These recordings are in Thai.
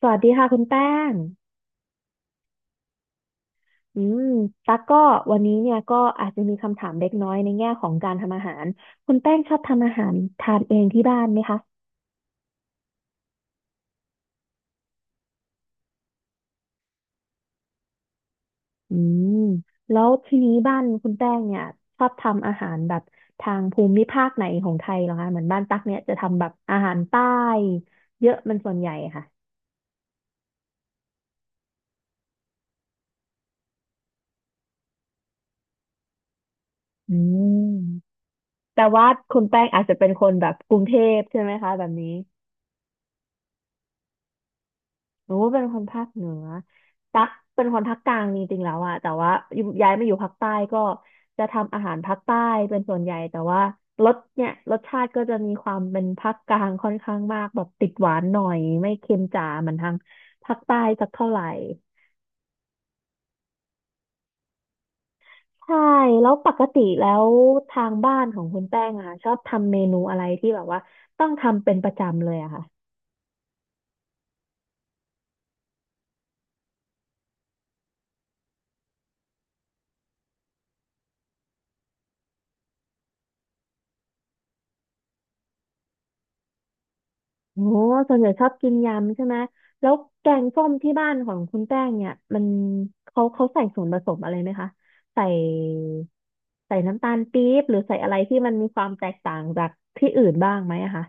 สวัสดีค่ะคุณแป้งอืมตั๊กก็วันนี้เนี่ยก็อาจจะมีคำถามเล็กน้อยในแง่ของการทำอาหาร คุณแป้งชอบทำอาหารทานเองที่บ้านไหมคะอืมแล้วทีนี้บ้านคุณแป้งเนี่ยชอบทำอาหารแบบทางภูมิภาคไหนของไทยเหรอคะเหมือนบ้านตั๊กเนี่ยจะทำแบบอาหารใต้เยอะมันส่วนใหญ่ค่ะอืมแต่ว่าคุณแป้งอาจจะเป็นคนแบบกรุงเทพใช่ไหมคะแบบนี้ หนูเป็นคนภาคเหนือตักเป็นคนภาคกลางจริงๆแล้วอะแต่ว่าอยู่ย้ายมาอยู่ภาคใต้ก็จะทำอาหารภาคใต้เป็นส่วนใหญ่แต่ว่ารสเนี่ยรสชาติก็จะมีความเป็นภาคกลางค่อนข้างมากแบบติดหวานหน่อยไม่เค็มจ๋าเหมือนทางภาคใต้สักเท่าไหร่ใช่แล้วปกติแล้วทางบ้านของคุณแป้งอะค่ะชอบทำเมนูอะไรที่แบบว่าต้องทำเป็นประจำเลยอะค่ะ โอ้ส่วนใหญ่ชอบกินยำใช่ไหมแล้วแกงส้มที่บ้านของคุณแป้งเนี่ยมันเขาใส่ส่วนผสมอะไรไหมคะใส่ใส่น้ำตาลปี๊บหรือใส่อะไรที่มันมีความแตกต่างจากที่อื่นบ้างไหมอะคะ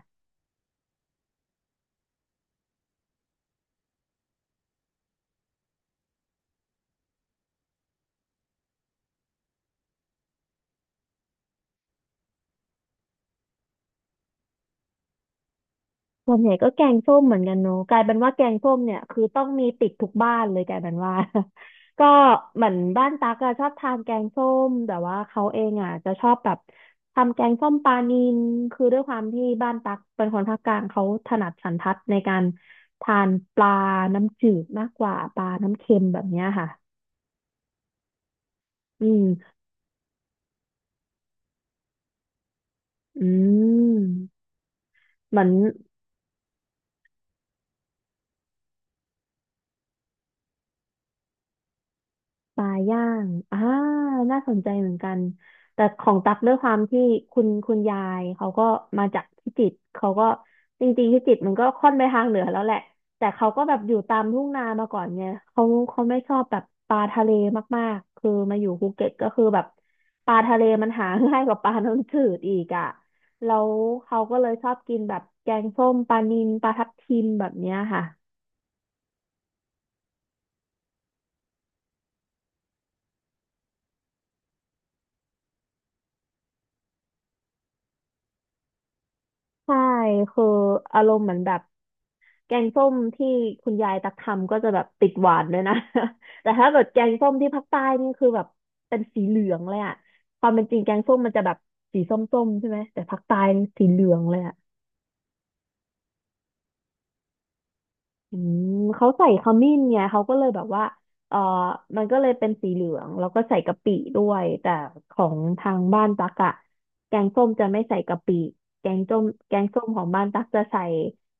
ส่วนใหญ่ก็แกงส้มเหมือนกันเนอะกลายเป็นว่าแกงส้มเนี่ยคือต้องมีติดทุกบ้านเลยกลายเป็นว่า ก็เหมือนบ้านตั๊กอะชอบทานแกงส้มแต่ว่าเขาเองอะจะชอบแบบทำแกงส้มปลานิลคือด้วยความที่บ้านตั๊กเป็นคนภาคกลางเขาถนัดสันทัดในการทานปลาน้ำจืดมากกว่าปลาน้ำเค็มแบบเนี้ยค่ะอืมอืม เหมือน ปลาย่างน่าสนใจเหมือนกันแต่ของตักด้วยความที่คุณยายเขาก็มาจากพิจิตรเขาก็จริงๆพิจิตรมันก็ค่อนไปทางเหนือแล้วแหละแต่เขาก็แบบอยู่ตามทุ่งนามาก่อนไงเขาเขาไม่ชอบแบบปลาทะเลมากๆคือมาอยู่ภูเก็ตก็คือแบบปลาทะเลมันหาง่ายกว่าปลาน้ำจืดอีกอ่ะแล้วเขาก็เลยชอบกินแบบแกงส้มปลานิลปลาทับทิมแบบเนี้ยค่ะใช่คืออารมณ์เหมือนแบบ แกงส้มที่คุณยายตักทำก็จะแบบติดหวานเลยนะ แต่ถ้าเกิดแกงส้มที่ภาคใต้นี่คือแบบเป็นสีเหลืองเลยอะความเป็นจริงแกงส้มมันจะแบบสีส้มๆใช่ไหม แต่ภาคใต้นี่สีเหลืองเลยอะ อืมเขาใส่ขมิ้นไงเขาก็เลยแบบว่าเออมันก็เลยเป็นสีเหลืองแล้วก็ใส่กะปิด้วยแต่ของทางบ้านตักอะแกงส้มจะไม่ใส่กะปิแกงส้มของบ้านตักจะใส่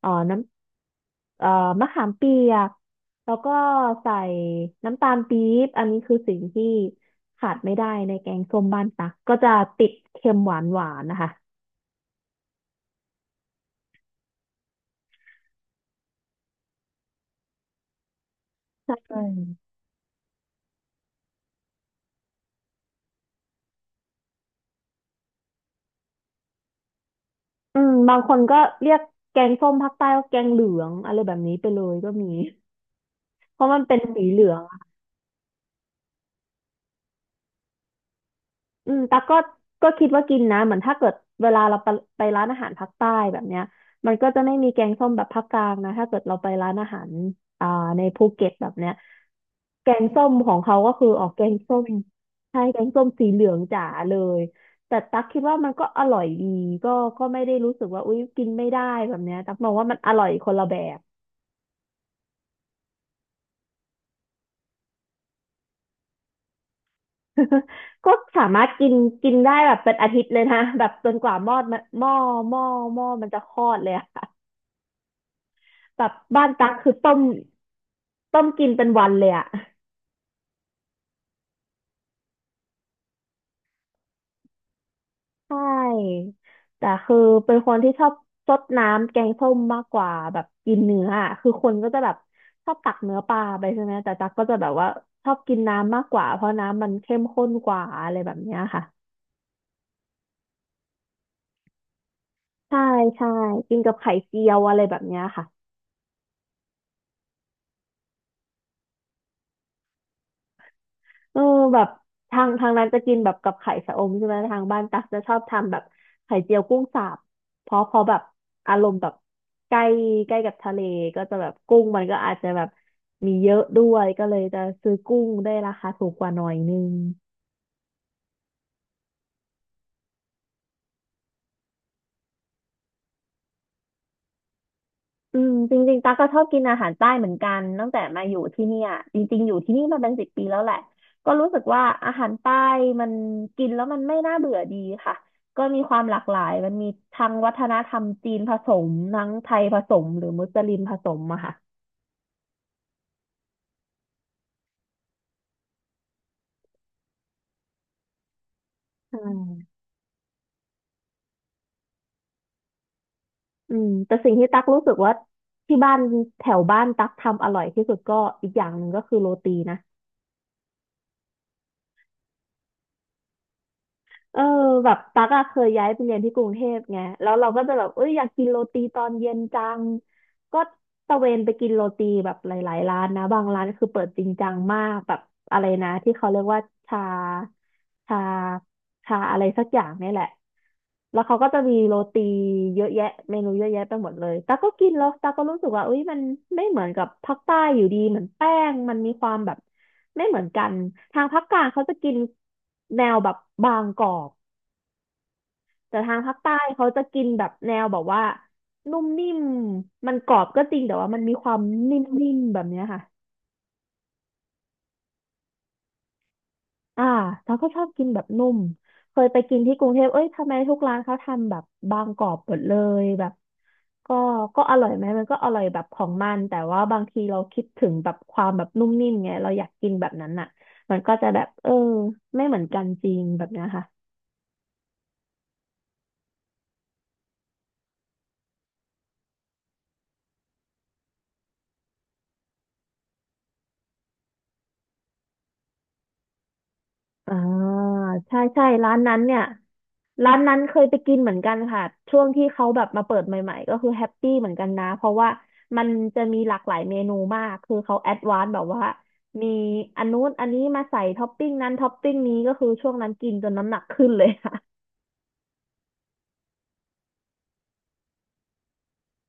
เออน้ำเออมะขามเปียกแล้วก็ใส่น้ำตาลปี๊บอันนี้คือสิ่งที่ขาดไม่ได้ในแกงส้มบ้านตักก็จะติดเค็มหวานหวานนะคะใช่ อืมบางคนก็เรียกแกงส้มภาคใต้ว่าแกงเหลืองอะไรแบบนี้ไปเลยก็มีเพราะมันเป็นสีเหลืองอะอืมแต่ก็ก็คิดว่ากินนะเหมือนถ้าเกิดเวลาเราไปไปร้านอาหารภาคใต้แบบเนี้ยมันก็จะไม่มีแกงส้มแบบภาคกลางนะถ้าเกิดเราไปร้านอาหารอ่าในภูเก็ตแบบเนี้ยแกงส้มของเขาก็คือออกแกงส้มใช่แกงส้มสีเหลืองจ๋าเลยแต่ตักคิดว่ามันก็อร่อยดีก็ก็ไม่ได้รู้สึกว่าอุ๊ยกินไม่ได้แบบเนี้ยตักมองว่ามันอร่อยคนละแบบ ก็สามารถกินกินได้แบบเป็นอาทิตย์เลยนะแบบจนกว่าหม้อมันหม้อหม้อมันจะคลอดเลยอะ แบบบ้านตั๊กคือต้มต้มกินเป็นวันเลยอะใช่แต่คือเป็นคนที่ชอบซดน้ำแกงส้มมากกว่าแบบกินเนื้ออะคือคนก็จะแบบชอบตักเนื้อปลาไปใช่ไหมแต่ตั๊กก็จะแบบว่าชอบกินน้ำมากกว่าเพราะน้ำมันเข้มข้นกว่าอะไรแบบเนี้ยค่ะใช่ใช่กินกับไข่เจียวอะไรแบบเนี้ยค่ะ เออแบบทางทางนั้นจะกินแบบกับไข่ชะอมใช่ไหมทางบ้านตักจะชอบทำแบบไข่เจียวกุ้งสาบเพราะเพอแบบอารมณ์แบบใกล้ใกล้กับทะเลก็จะแบบกุ้งมันก็อาจจะแบบมีเยอะด้วยก็เลยจะซื้อกุ้งได้ราคาถูกกว่าหน่อยนึง อืมจริงๆตาก็ชอบกินอาหารใต้เหมือนกันตั้งแต่มาอยู่ที่เนี่ยจริงๆอยู่ที่นี่มาเป็นสิบปีแล้วแหละก็รู้สึกว่าอาหารใต้มันกินแล้วมันไม่น่าเบื่อดีค่ะก็มีความหลากหลายมันมีทั้งวัฒนธรรมจีนผสมทั้งไทยผสมหรือมุสลิมผสมอะค่ะอืมอืมแต่สิ่งที่ตักรู้สึกว่าที่บ้านแถวบ้านตักทำอร่อยที่สุดก็อีกอย่างหนึ่งก็คือโรตีนะ เออแบบตักอะเคยย้ายไปเรียนที่กรุงเทพไงแล้วเราก็จะแบบเอ้ยอยากกินโรตีตอนเย็นจังก็ตะเวนไปกินโรตีแบบหลายๆร้านนะบางร้านคือเปิดจริงจังมากแบบอะไรนะที่เขาเรียกว่าชาชาชาอะไรสักอย่างเนี่ยแหละแล้วเขาก็จะมีโรตีเยอะแยะเมนูเยอะแยะไปหมดเลยตาก็กินแล้วตาก็รู้สึกว่าเอ้ยมันไม่เหมือนกับภาคใต้อยู่ดีเหมือนแป้งมันมีความแบบ ไม่เหมือนกันทางภาคกลางเขาจะกินแนวแบบบางกรอบแต่ทางภาคใต้เขาจะกินแบบแนวแบบว่านุ่มนิ่มมันกรอบก็จริงแต่ว่ามันมีความนิ่มนิ่มแบบเนี้ยค่ะอ่าเราก็ชอบกินแบบนุ่มเคยไปกินที่กรุงเทพเอ้ยทำไมทุกร้านเขาทำแบบบางกรอบหมดเลยแบบก็ก็อร่อยไหมมันก็อร่อยแบบของมันแต่ว่าบางทีเราคิดถึงแบบความแบบนุ่มนิ่มไงเราอยากกินแบบนั้นอ่ะมันก็จะแบบเออไม่เหมือนกันจริงแบบเนี้ยค่ะ อ่าใช่ใช่ร้านนั้นเนี่ยร้านนั้นเคยไปกินเหมือนกันค่ะช่วงที่เขาแบบมาเปิดใหม่ๆก็คือแฮปปี้เหมือนกันนะเพราะว่ามันจะมีหลากหลายเมนูมากคือเขาแอดวานซ์แบบว่ามีอันนู้นอันนี้มาใส่ท็อปปิ้งนั้นท็อปปิ้งนี้ก็คือช่วงนั้นกินจนน้ำหนักขึ้นเลยค่ะ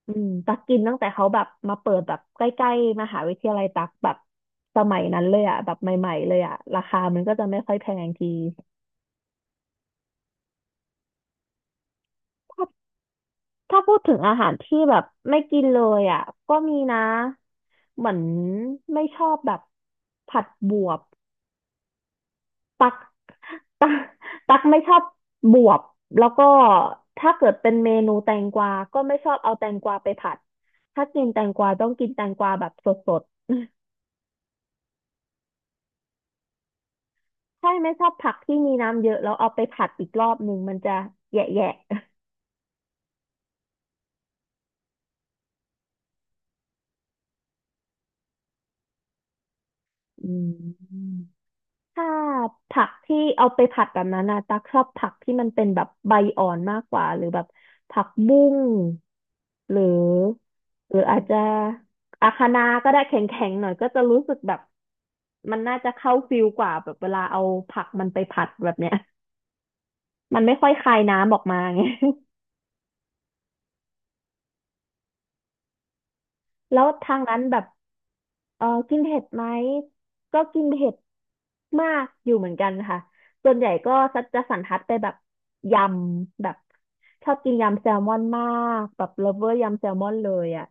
อืมตักกินตั้งแต่เขาแบบมาเปิดแบบใกล้ๆมหาวิทยาลัยตักแบบสมัยนั้นเลยอ่ะแบบใหม่ๆเลยอ่ะราคามันก็จะไม่ค่อยแพงที ถ้าพูดถึงอาหารที่แบบไม่กินเลยอ่ะก็มีนะเหมือนไม่ชอบแบบผัดบวบตักตักไม่ชอบบวบแล้วก็ถ้าเกิดเป็นเมนูแตงกวาก็ไม่ชอบเอาแตงกวาไปผัดถ้ากินแตงกวาต้องกินแตงกวาแบบสดๆ ใช่ไม่ชอบผักที่มีน้ำเยอะแล้วเอาไปผัดอีกรอบหนึ่งมันจะแยะๆอืม ถ้าผักที่เอาไปผัดแบบนั้นนะตักชอบผักที่มันเป็นแบบใบอ่อนมากกว่าหรือแบบผักบุ้งหรือหรืออาจจะอาคะน้าก็ได้แข็งๆหน่อยก็จะรู้สึกแบบมันน่าจะเข้าฟิลกว่าแบบเวลาเอาผักมันไปผัดแบบเนี้ยมันไม่ค่อยคายน้ำออกมาไง แล้วทางนั้นแบบเออกินเผ็ดไหมก็กินเผ็ดมากอยู่เหมือนกันค่ะส่วนใหญ่ก็จะสันทัดไปแบบยำแบบชอบกินยำแซลมอนมากแบบเลิฟเวอร์ยำแซลมอนเลยอ่ะ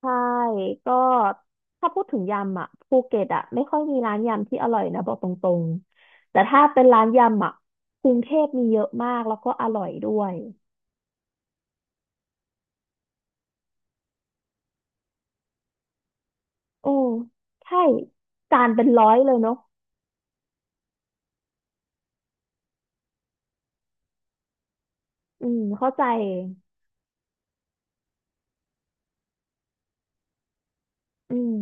ใช่ก็ถ้าพูดถึงยำอ่ะภูเก็ตอ่ะไม่ค่อยมีร้านยำที่อร่อยนะบอกตรงๆแต่ถ้าเป็นร้านยำอ่ะกรุงเทพมีเยอะมากแล้วก็อร่อยด้วยโอ้ใช่จานเป็นร้อยเลยเนาะอืมเข้าใจ อืม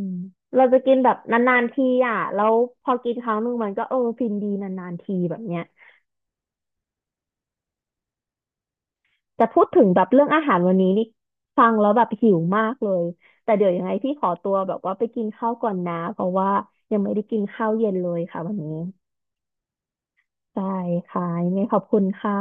เราจะกินแบบนานๆทีอ่ะแล้วพอกินครั้งหนึ่งมันก็เออฟินดีนานๆทีแบบเนี้ยแต่พูดถึงแบบเรื่องอาหารวันนี้นี่ฟังแล้วแบบหิวมากเลยแต่เดี๋ยวยังไงพี่ขอตัวแบบว่าไปกินข้าวก่อนนะเพราะว่ายังไม่ได้กินข้าวเย็นเลยค่ะวันนี้ใช่ค่ะยังไงขอบคุณค่ะ